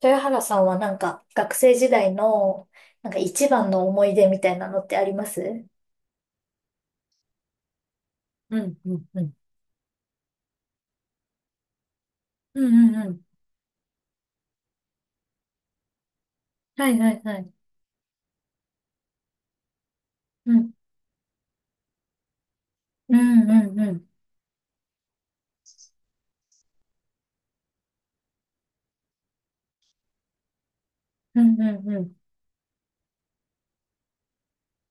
豊原さんはなんか学生時代のなんか一番の思い出みたいなのってあります？うん、うん、うん。うん、うん、うん。はい、はい、はい。うん、うん、うん、うん。うん、うん、うん。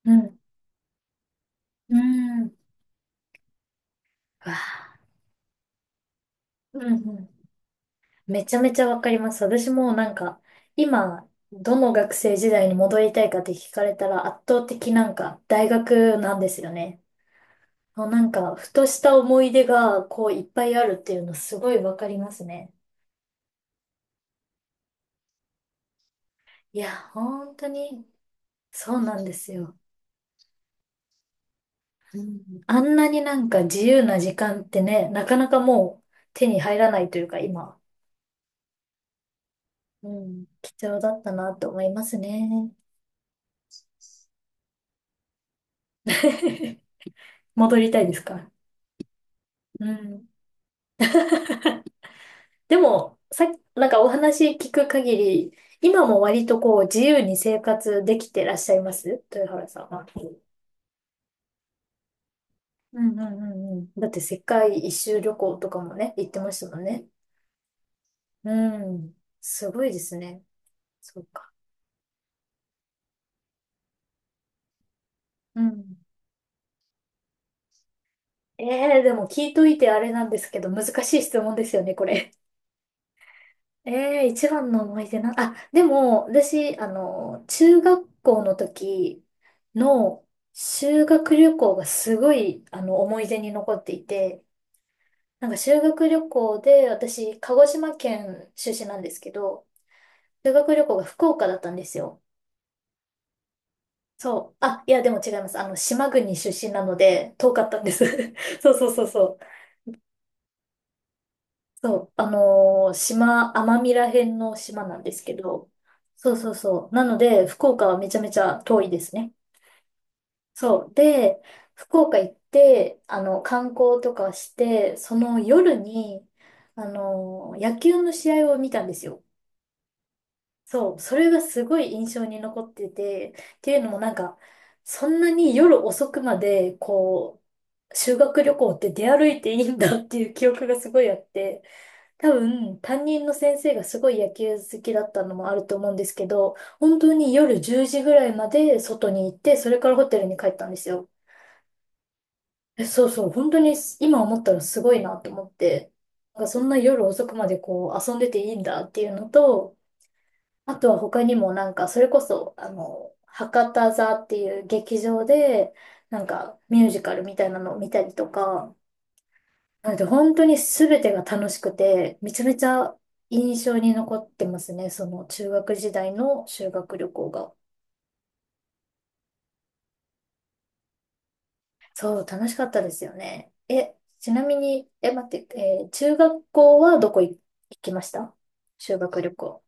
うん、うん。うわぁうんうん。めちゃめちゃわかります。私もなんか今どの学生時代に戻りたいかって聞かれたら圧倒的なんか大学なんですよね。もうなんかふとした思い出がこういっぱいあるっていうのすごいわかりますね。いや、本当にそうなんですよ。うん、あんなになんか自由な時間ってね、なかなかもう手に入らないというか今、うん、貴重だったなと思いますね。戻りたいですか？うん。でも、さっき、なんかお話聞く限り、今も割とこう自由に生活できてらっしゃいます豊原さんは？うんうんうんうん。だって世界一周旅行とかもね、行ってましたもんね。うん。すごいですね。そうか。うん。ええでも聞いといてあれなんですけど、難しい質問ですよね、これ。ええ一番の思い出な、あ、でも、私、あの、中学校の時の修学旅行がすごい、あの、思い出に残っていて、なんか修学旅行で、私、鹿児島県出身なんですけど、修学旅行が福岡だったんですよ。そう。あ、いや、でも違います。あの、島国出身なので、遠かったんです。そうそうそうそう。そう、島、奄美ら辺の島なんですけど、そうそうそう。なので、福岡はめちゃめちゃ遠いですね。そう。で、福岡行って、あの、観光とかして、その夜に、野球の試合を見たんですよ。そう、それがすごい印象に残ってて、っていうのもなんか、そんなに夜遅くまで、こう、修学旅行って出歩いていいんだっていう記憶がすごいあって、多分、担任の先生がすごい野球好きだったのもあると思うんですけど、本当に夜10時ぐらいまで外に行って、それからホテルに帰ったんですよ。え、そうそう、本当に今思ったらすごいなと思って、なんかそんな夜遅くまでこう遊んでていいんだっていうのと、あとは他にもなんかそれこそ、あの、博多座っていう劇場で、なんかミュージカルみたいなのを見たりとか、なので本当に全てが楽しくて、めちゃめちゃ印象に残ってますね。その中学時代の修学旅行が。そう、楽しかったですよね。え、ちなみに、え、待って、中学校はどこい行きました？修学旅行。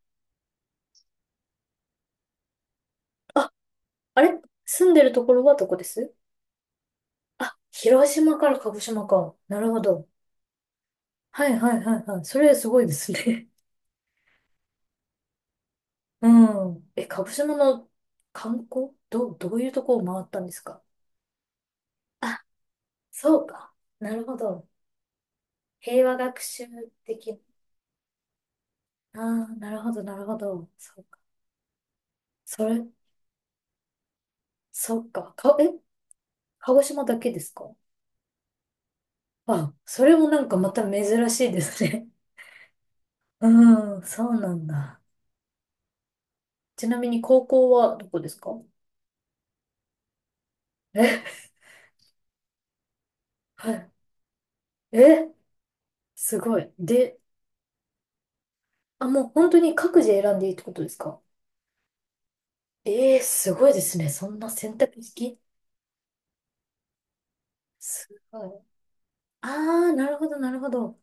あ、あれ住んでるところはどこです？あ、広島から鹿児島か。なるほど。はいはいはいはい。それすごいですね。うん。え、鹿児島の観光どういうとこを回ったんですか？あ、そうか。なるほど。平和学習的。ああ、なるほど、なるほど。そうか。それ、そっか。え、鹿児島だけですか？あ、それもなんかまた珍しいですね。うん、そうなんだ。ちなみに高校はどこですか？え、はい。え、すごい。で、あ、もう本当に各自選んでいいってことですか？ええー、すごいですね。そんな選択式すごい。ああ、なるほど、なるほど。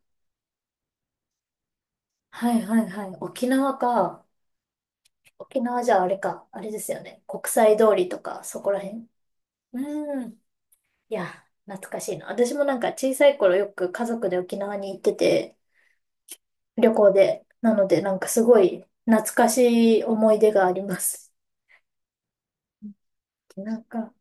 はいはいはい。沖縄か。沖縄じゃあれか、あれですよね。国際通りとか、そこら辺。うん。いや、懐かしいな。私もなんか小さい頃よく家族で沖縄に行ってて、旅行で。なので、なんかすごい懐かしい思い出があります。なんか、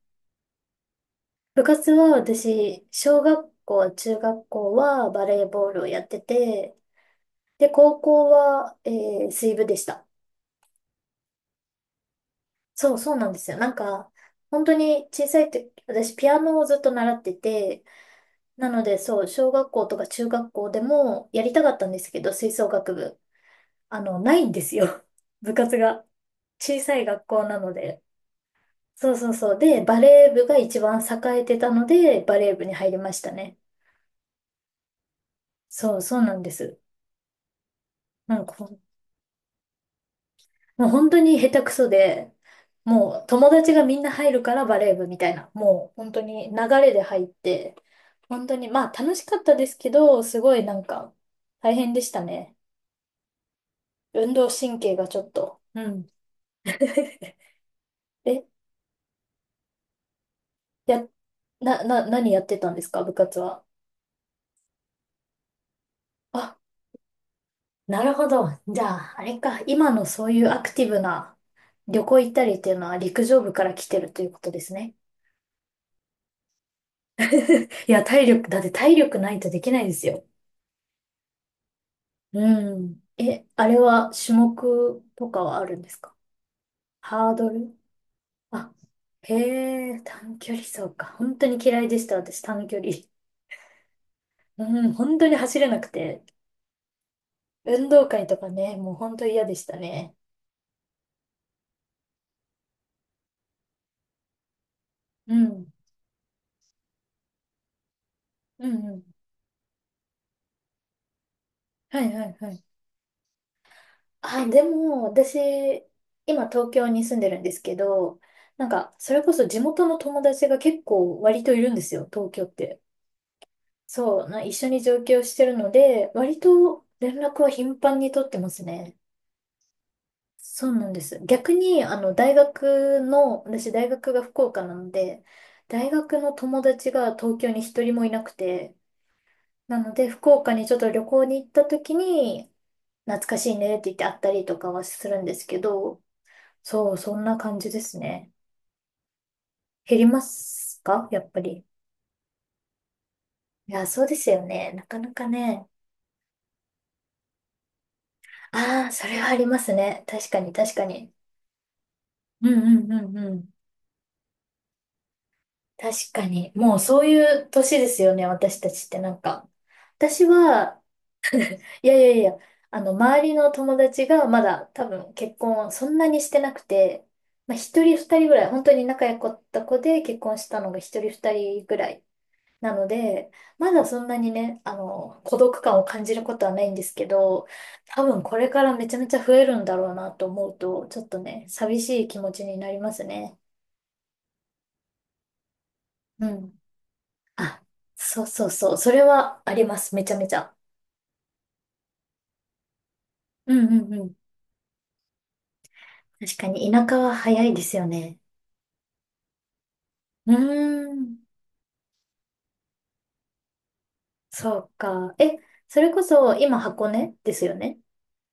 部活は私、小学校、中学校はバレーボールをやってて、で、高校は、水部でした。そう、そうなんですよ。なんか、本当に小さい時、私ピアノをずっと習ってて、なので、そう、小学校とか中学校でもやりたかったんですけど、吹奏楽部、あの、ないんですよ。部活が。小さい学校なので。そうそうそう。で、バレー部が一番栄えてたので、バレー部に入りましたね。そうそうなんです。なんかほん、もう本当に下手くそで、もう友達がみんな入るからバレー部みたいな、もう本当に流れで入って、本当に、まあ楽しかったですけど、すごいなんか大変でしたね。運動神経がちょっと。うん。え、や、な、な、何やってたんですか、部活は。あ、なるほど。じゃあ、あれか。今のそういうアクティブな旅行行ったりっていうのは陸上部から来てるということですね。いや、体力、だって体力ないとできないですよ。うん。え、あれは種目とかはあるんですか？ハードル、あ、へえ、短距離走か。本当に嫌いでした、私、短距離。うん、本当に走れなくて。運動会とかね、もう本当嫌でしたね。うん。うんうん。はいはいはい。あ、でも、私、今東京に住んでるんですけど、なんか、それこそ地元の友達が結構割といるんですよ、東京って。そう、一緒に上京してるので、割と連絡は頻繁に取ってますね。そうなんです。逆に、あの、大学の、私大学が福岡なので、大学の友達が東京に一人もいなくて、なので、福岡にちょっと旅行に行った時に、懐かしいねって言って会ったりとかはするんですけど、そう、そんな感じですね。減りますか、やっぱり？いや、そうですよね。なかなかね。ああ、それはありますね。確かに、確かに。うんうんうんうん。確かに。もうそういう年ですよね、私たちってなんか。私は、いやいやいや、あの、周りの友達がまだ多分結婚そんなにしてなくて、まあ、一人二人ぐらい、本当に仲良かった子で結婚したのが一人二人ぐらいなので、まだそんなにね、あの、孤独感を感じることはないんですけど、多分これからめちゃめちゃ増えるんだろうなと思うと、ちょっとね、寂しい気持ちになりますね。うん。あ、そうそうそう、それはあります、めちゃめちゃ。うんうんうん。確かに田舎は早いですよね。うーん。そうか。え、それこそ今箱根ですよね。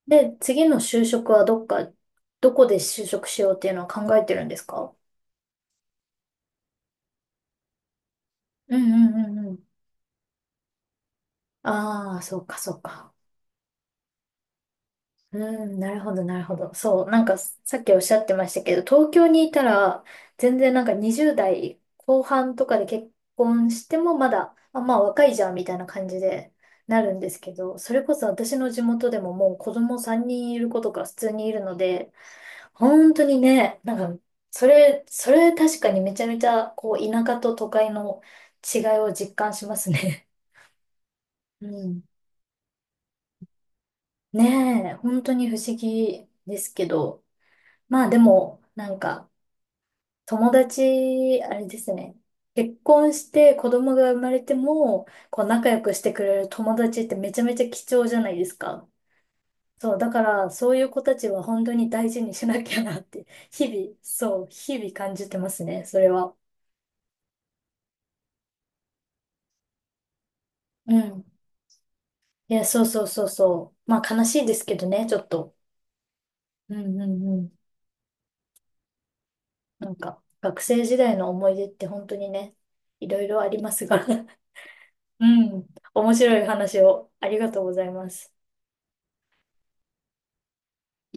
で、次の就職はどっか、どこで就職しようっていうのを考えてるんですか？うんうんうんうん。ああ、そうかそうか。うん、なるほどなるほど。そう、なんかさっきおっしゃってましたけど、東京にいたら、全然なんか20代後半とかで結婚してもまだ、あ、まあ若いじゃんみたいな感じでなるんですけど、それこそ私の地元でももう子供3人いる子とか普通にいるので、本当にね、なんか、それ確かにめちゃめちゃ、こう、田舎と都会の違いを実感しますね。うん。ねえ、本当に不思議ですけど。まあでも、なんか、友達、あれですね。結婚して子供が生まれても、こう、仲良くしてくれる友達ってめちゃめちゃ貴重じゃないですか。そう、だから、そういう子たちは本当に大事にしなきゃなって、日々感じてますね、それは。うん。いや、そうそうそうそう。まあ悲しいですけどね、ちょっと。うんうんうん。なんか、学生時代の思い出って本当にね、いろいろありますが。うん。面白い話をありがとうございます。